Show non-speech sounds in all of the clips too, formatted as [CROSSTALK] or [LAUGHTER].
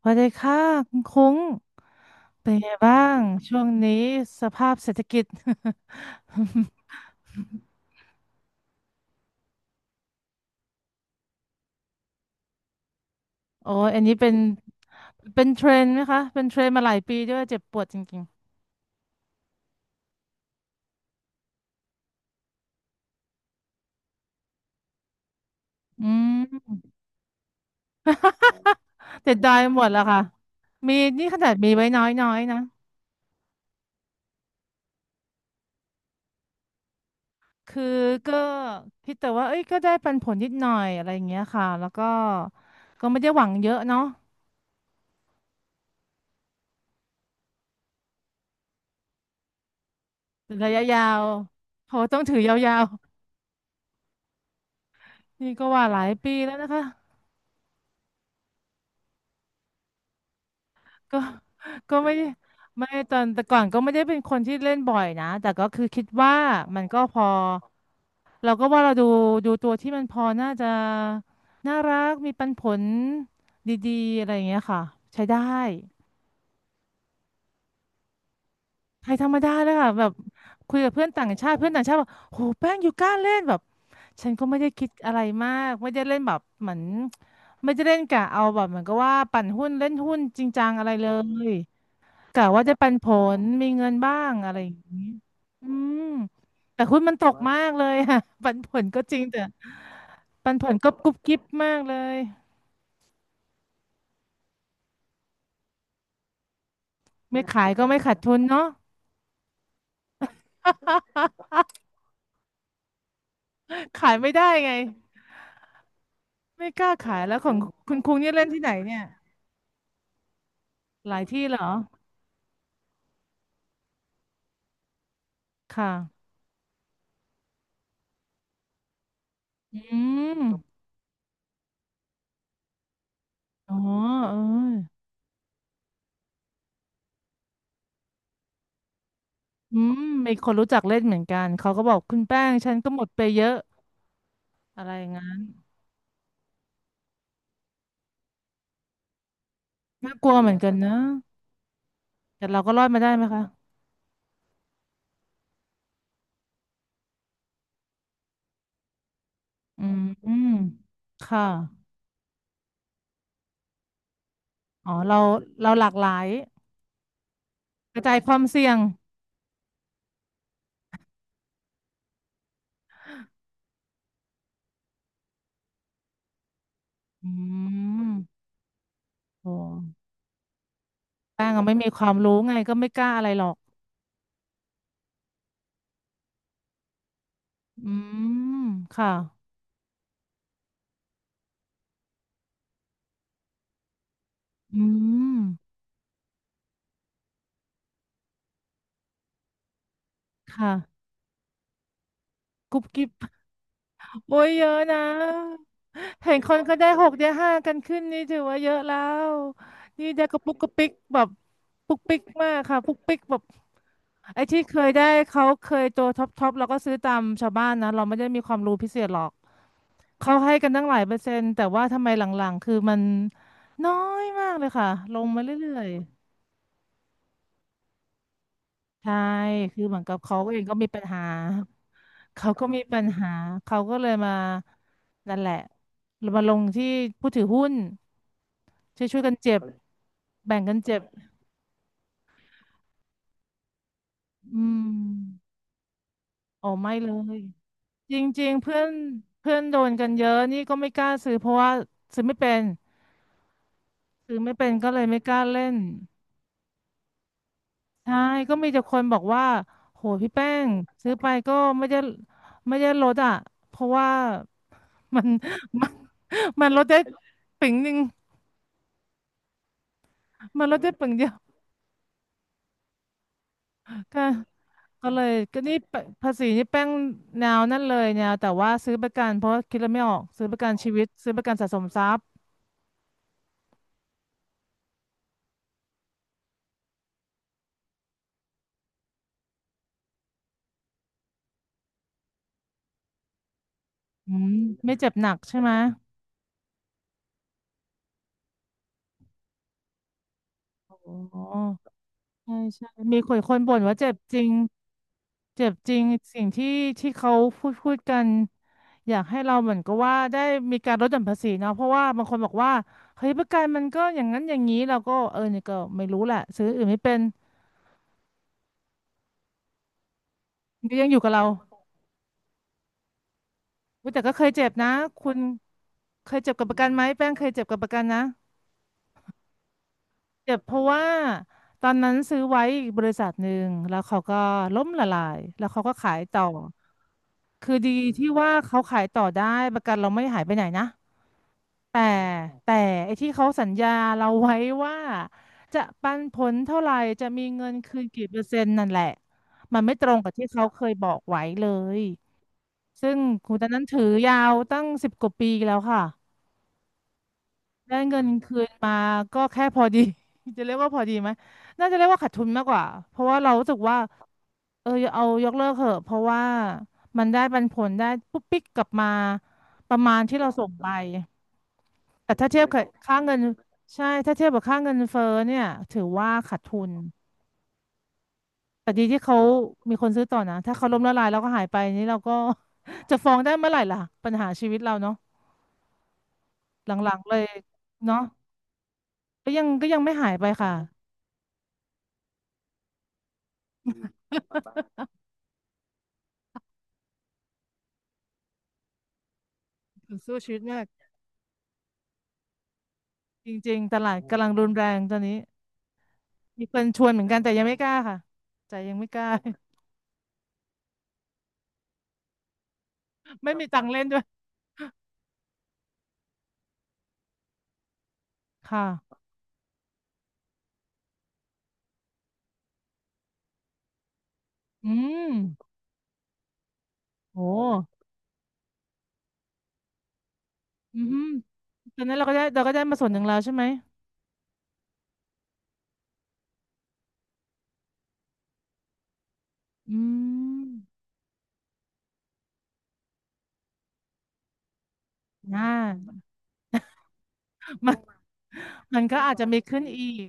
สวัสดีค่ะคุณคุ้งเป็นไงบ้างช่วงนี้สภาพเศรษฐกิจ [LAUGHS] โอ้ยอันนี้เป็นเทรนด์ไหมคะเป็นเทรนด์มาหลายปีด้วยเจ็บปวดจริงๆอืมแต่ได้หมดแล้วค่ะมีนี่ขนาดมีไว้น้อยๆนะคือก็คิดแต่ว่าเอ้ยก็ได้ปันผลนิดหน่อยอะไรอย่างเงี้ยค่ะแล้วก็ไม่ได้หวังเยอะเนาะระยะยาวเขาต้องถือยาวๆนี่ก็ว่าหลายปีแล้วนะคะ ก็ [LAUGHS] ก็ไม่ได้ไม่ตอนแต่ก่อนก็ไม่ได้เป็นคนที่เล่นบ่อยนะแต่ก็คือคิดว่ามันก็พอเราก็ว่าเราดูตัวที่มันพอน่าจะน่ารักมีปันผลดีๆอะไรอย่างเงี้ยค่ะใช้ได้ใครธรรมดาเลยค่ะแบบคุยกับเพื่อนต่างชาติเพื่อนต่างชาติบอกโหแป้งอยู่กล้าเล่นแบบฉันก็ไม่ได้คิดอะไรมากไม่ได้เล่นแบบเหมือนไม่ได้เล่นกะเอาแบบเหมือนก็ว่าปั่นหุ้นเล่นหุ้นจริงจังอะไรเลย กะว่าจะปันผลมีเงินบ้างอะไรอย่างงี้อืมแต่หุ้นมันตแต่กว่ามากเลย [LAUGHS] ค่ะ [LAUGHS] ปันผลก็จริงแต่ปันผลก็กุบกิ๊บมากเลยไม่ขายก็ไม่ขาดทุนเนาะ [LAUGHS] ขายไม่ได้ไงไม่กล้าขายแล้วของคุณคุงเนี่ยเล่นที่ไหนเนี่ยหลายที่เหรอค่ะอืมอ๋อเอออืมมีคนรู้จักเล่นเหมือนกันเขาก็บอกคุณแป้งฉันก็หมดไปเยอะอะไรอย่างนั้นน่ากลัวเหมือนกันนะแต่เราก็รอดมาได้ไหมคะ อืมอืมค่ะอ๋อ เรา เราหลากหลายกระจายความเสี่ยงอืมโอ้แป้งก็ไม่มีความรู้ไงก็ไม่กล้าอะไรหรอกอืมค่ะอืมค่ะกุบกิบโอ้ยเยอะนะเห็นคนก็ได้หกได้ห้ากันขึ้นนี่ถือว่าเยอะแล้วนี่ได้กระปุกกระปิกแบบปุกปิกมากค่ะปุกปิกแบบไอ้ที่เคยได้เขาเคยตัวท็อปเราก็ซื้อตามชาวบ้านนะเราไม่ได้มีความรู้พิเศษหรอก เขาให้กันตั้งหลายเปอร์เซ็นต์แต่ว่าทำไมหลังๆคือมันน้อยมากเลยค่ะลงมาเรื่อยๆใช่คือเหมือนกับเขาเองก็มีปัญหาเขาก็มีปัญหาเขาก็เลยมานั่นแหละมาลงที่ผู้ถือหุ้นช่วยๆกันเจ็บแบ่งกันเจ็บอืมอ๋อไม่เลยจริงๆเพื่อนเพื่อนโดนกันเยอะนี่ก็ไม่กล้าซื้อเพราะว่าซื้อไม่เป็นซื้อไม่เป็นก็เลยไม่กล้าเล่น ใช่ก็มีแต่คนบอกว่าโหพี่แป้งซื้อไปก็ไม่ได้ไม่ได้ลดอ่ะเพราะว่ามัน [LAUGHS] มันมันลดได้ปึ๋งหนึ่งมันลดได้ปึ๋งเดียวก็เลยก็นี่ปะภาษีนี่แป้งแนวนั่นเลยแนวแต่ว่าซื้อประกันเพราะคิดแล้วไม่ออกซื้อประกันชีวิตซื้อประกันสะสมทรัพย์อืมไม่เจ็บหนักใช่ไหมโอ ใช่ใช่ มีคนบ่นว่าเจ็บจริงเจ็บจริงสิ่งที่เขาพูดกันอยากให้เราเหมือนกับว่าได้มีการลดหย่อนภาษีเนาะเพราะว่าบางคนบอกว่าเฮ้ยประกันมันก็อย่างนั้นอย่างนี้เราก็เออนี่ก็ไม่รู้แหละซื้ออื่นไม่เป็นมันก็ยังอยู่กับเราอุ๊ยแต่ก็เคยเจ็บนะคุณเคยเจ็บกับประกันไหมแป้งเคยเจ็บกับประกันนะ เจ็บเพราะว่าตอนนั้นซื้อไว้อีกบริษัทหนึ่งแล้วเขาก็ล้มละลายแล้วเขาก็ขายต่อคือดีที่ว่าเขาขายต่อได้ประกันเราไม่หายไปไหนนะแต่แต่ไอ้ที่เขาสัญญาเราไว้ว่าจะปันผลเท่าไหร่จะมีเงินคืนกี่เปอร์เซ็นต์นั่นแหละมันไม่ตรงกับที่เขาเคยบอกไว้เลยซึ่งคุณตอนนั้นถือยาวตั้งสิบกว่าปีแล้วค่ะ ได้เงินคืนมาก็แค่พอดี [LAUGHS] จะเรียกว่าพอดีไหมน่าจะเรียกว่าขาดทุนมากกว่าเพราะว่าเรารู้สึกว่าเออเอายกเลิกเถอะเพราะว่ามันได้ปันผลได้ปุ๊บปิ๊กกลับมาประมาณที่เราส่งไปแต่ถ้าเทียบกับค่าเงินใช่ถ้าเทียบกับค่าเงินเฟ้อเนี่ยถือว่าขาดทุนแต่ดีที่เขามีคนซื้อต่อนะถ้าเขาล้มละลายแล้วก็หายไปนี่เราก็ [LAUGHS] จะฟ้องได้เมื่อไหร่ล่ะปัญหาชีวิตเราเนาะหลังๆเลยเนาะก็ยังไม่หายไปค่ะ สู้ชีวิตมากจริงๆตลาดกำลังรุนแรงตอนนี้มีคนชวนเหมือนกันแต่ยังไม่กล้าค่ะใจยังไม่กล้า [LAUGHS] ไม่มีตังค์เล่นด้วยค่ะอืมโอ้อืมตอนนั้นเราก็ได้มาส่วนหนึ่งแล้วใช่ไหมอืมน่ามันมันก็อาจจะมีขึ้นอีก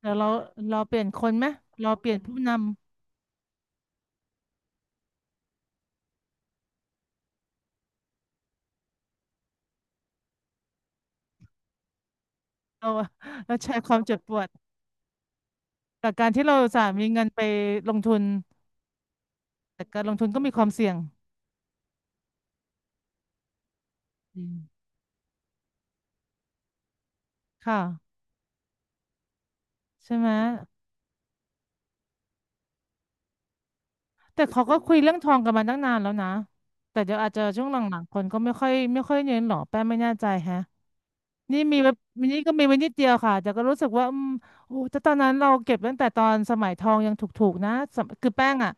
เดี๋ยวเราเปลี่ยนคนไหมเราเปลี่ยนผู้นำเราเราแชร์ความเจ็บปวดกับการที่เราอุตสาห์มีเงินไปลงทุนแต่การลงทุนก็มีความเสี่ยงอืมค่ะใช่ไหม แต่เขาก็คุยเรื่องทองกันมาตั้งนานแล้วนะ แต่เดี๋ยวอาจจะช่วงหลังๆคนก็ไม่ค่อยเน้นหรอกแป้งไม่แน่ใจแฮะนี่มีไว้นี่ก็มีไว้นิดเดียวค่ะแต่ก็รู้สึกว่าอืมโอ้แต่ตอนนั้นเราเก็บตั้งแต่ตอนสมัยทองยังถูกๆนะสมคือแป้งอ่ะ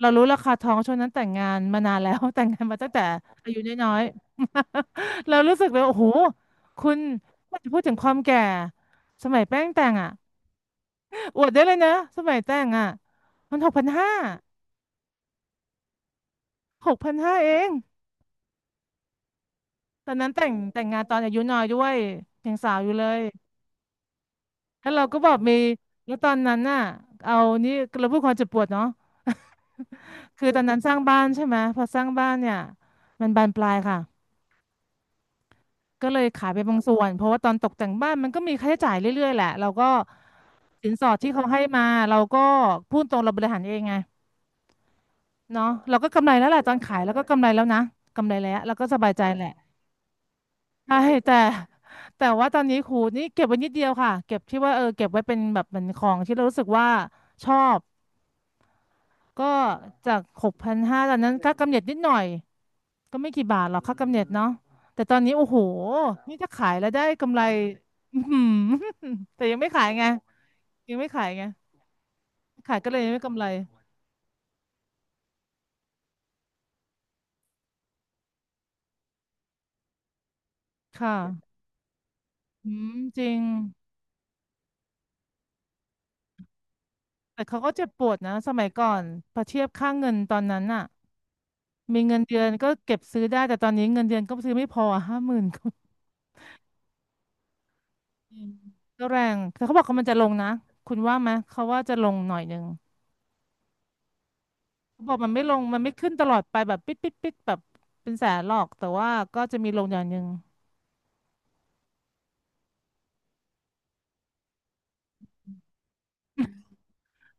เรารู้ราคาทองช่วงนั้นแต่งงานมานานแล้ว [LAUGHS] แต่งงานมาตั้งแต่อายุน้อยๆ [LAUGHS] เรารู้สึกเลยโอ้โหคุณไม่พูดถึงความแก่สมัยแป้งแต่งอ่ะ [LAUGHS] อวดได้เลยนะสมัยแต่งอ่ะมันหกพันห้าหกพันห้าเอง ตอนนั้นแต่งงานตอนอายุน้อยด้วยยังสาวอยู่เลยแล้วเราก็บอกมีแล้วตอนนั้นน่ะ เอานี่เราพูดความเจ็บปวดเนาะ [LAUGHS] คือตอนนั้นสร้างบ้านใช่ไหมพอสร้างบ้านเนี่ยมันบานปลายค่ะก็เลยขายไปบางส่วนเพราะว่าตอนตกแต่งบ้านมันก็มีค่าใช้จ่ายเรื่อยๆแหละเราก็สินสอดที่เขาให้มาเราก็พูดตรงเราบริหารเองไงเนาะเราก็กำไรแล้วแหละตอนขายแล้วก็กำไรแล้วนะ กำไรแล้วเราก็สบายใจแหละ ใช่แต่แต่ว่าตอนนี้ครูนี่เก็บไว้นิดเดียวค่ะเก็บที่ว่าเออเก็บไว้เป็นแบบเหมือนของที่เรารู้สึกว่าชอบก็จากหกพันห้าตอนนั้นค่ากำเนิดนิดหน่อยก็ไม่กี่บาทหรอกค่ากำเนิดเนาะแต่ตอนนี้โอ้โหนี่ถ้าขายแล้วได้กำไร [LAUGHS] อือหือ [LAUGHS] แต่ยังไม่ขายไงยังไม่ขายไงขายก็เลยยังไม่กำไรค่ะอืมจริงแต่เขาก็เจ็บปวดนะสมัยก่อนพอเทียบค่าเงินตอนนั้นน่ะ มีเงินเดือนก็เก็บซื้อได้แต่ตอนนี้เงินเดือนก็ซื้อไม่พอห้าหมื่นก็อืมก็แรงแต่เขาบอกเขามันจะลงนะคุณว่าไหมเขาว่าจะลงหน่อยหนึ่งเขาบอกมันไม่ลงมันไม่ขึ้นตลอดไปแบบปิดแบบเป็นแสนหรอกแต่ว่าก็จะมีลงอย่างหนึ่ง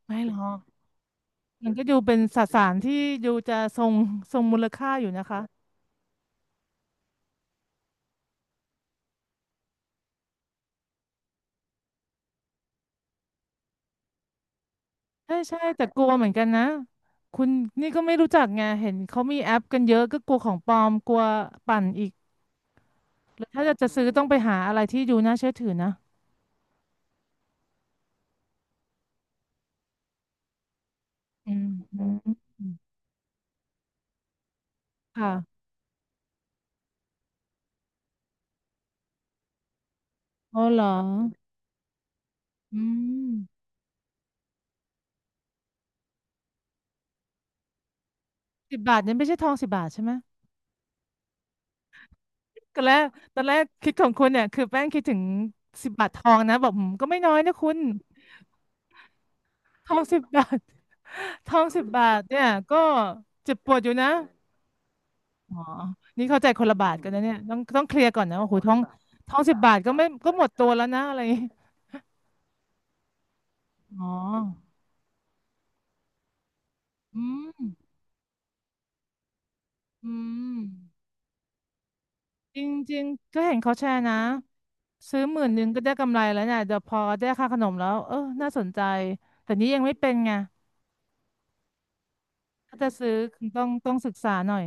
ไม่หรอกมันก็ดูเป็นสสารที่ดูจะทรงมูลค่าอยู่นะคะใช่ใช่แต่กลัวเหมือนกันนะคุณนี่ก็ไม่รู้จักไงเห็นเขามีแอปกันเยอะก็กลัวของปลอมกลัวปั่นอีกแล้วถ้าจะซื้อต้องไปหาอะไรที่ดูน่าเชื่อถือนะ อืมค่ะอ๋อเหรออืมสิบบาทเนี่ยไม่ใช่ทองสิบบาทใช่ไหมตอนแรกตอนแรกคิดของคุณเนี่ยคือแป้งคิดถึงสิบบาททองนะแบบอืมก็ไม่น้อยนะคุณทองสิบบาท [LAUGHS] ทองสิบบาทเนี่ยก็เจ็บปวดอยู่นะอ๋อนี่เข้าใจคนละบาทกันนะเนี่ยต้องเคลียร์ก่อนนะโอ้โหทองสิบบาทก็ไม่ก็หมดตัวแล้วนะอะไรอย่างงี้อ๋ออืมอืมจริงๆก็เห็นเขาแชร์นะ ซื้อหมื่นหนึ่งก็ได้กำไรแล้วเนี่ยเดี๋ยวพอได้ค่าขนมแล้วเออน่าสนใจแต่นี้ยังไม่เป็นไงถ้าจะซื้อต้องศึกษาหน่อย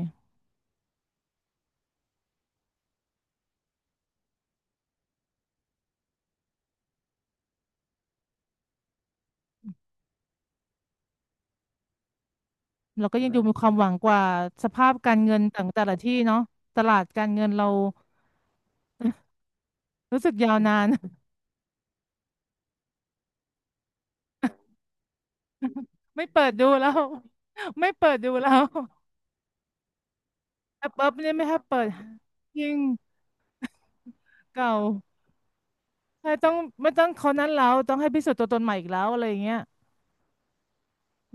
เราก็ยังดูมีความหวังกว่าสภาพการเงินต่างแต่ละที่เนาะตลาดการเงินเรารู้สึกยาวนาน [LAUGHS] ไม่เปิดดูแล้ว [LAUGHS] ไม่เปิดดูแล้วแอปเปิบเนี่ยไม่ให้เปิดยิ่งเก่าใช่ต้องไม่ต้องเขานั้นแล้วต้องให้พิสูจน์ตัวตนใหม่อีกแล้วอะไรอย่างเงี้ย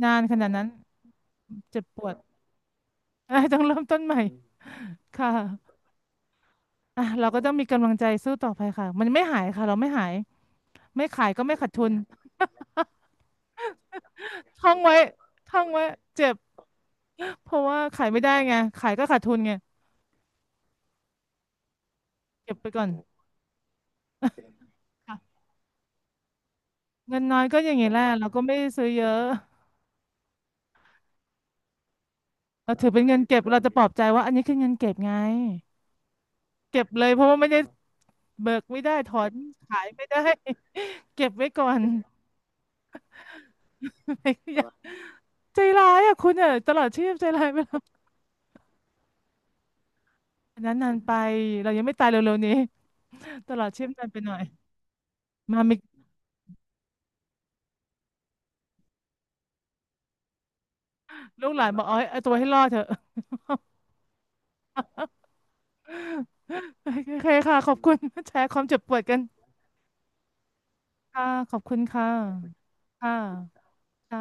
นานขนาดนั้นเจ็บปวดเอ้ยต้องเริ่มต้นใหม่ค่ะ อ่ะเราก็ต้องมีกำลังใจสู้ต่อไปค่ะมันไม่หายค่ะเราไม่หายไม่ขายก็ไม่ขาดทุนท่องไว้ท่องไว้เจ็บเพราะว่าขายไม่ได้ไงขายก็ขาดทุนไงเก็บไปก่อนค่ะเงินน้อยก็อย่างนี้แหละเราก็ไม่ได้ซื้อเยอะเราถือเป็นเงินเก็บเราจะปลอบใจว่าอันนี้คือเงินเก็บไงเก็บเลยเพราะว่าไม่ได้เบิกไม่ได้ถอนขายไม่ได้ [LAUGHS] เก็บไว้ก่อน [LAUGHS] ใจร้ายอ่ะคุณอ่ะตลอดชีพใจร้ายไปแล้วอันนั้นนานไปเรายังไม่ตายเร็วๆนี้ตลอดชีพนานไปหน่อย มามีลูกหลานบอกเอาให้เอาตัวให้รอดเถอะ [LAUGHS] โอเคค่ะขอบคุณแชร์ความเจ็บปวดกันค่ะขอบคุณค่ะค่ะค่ะ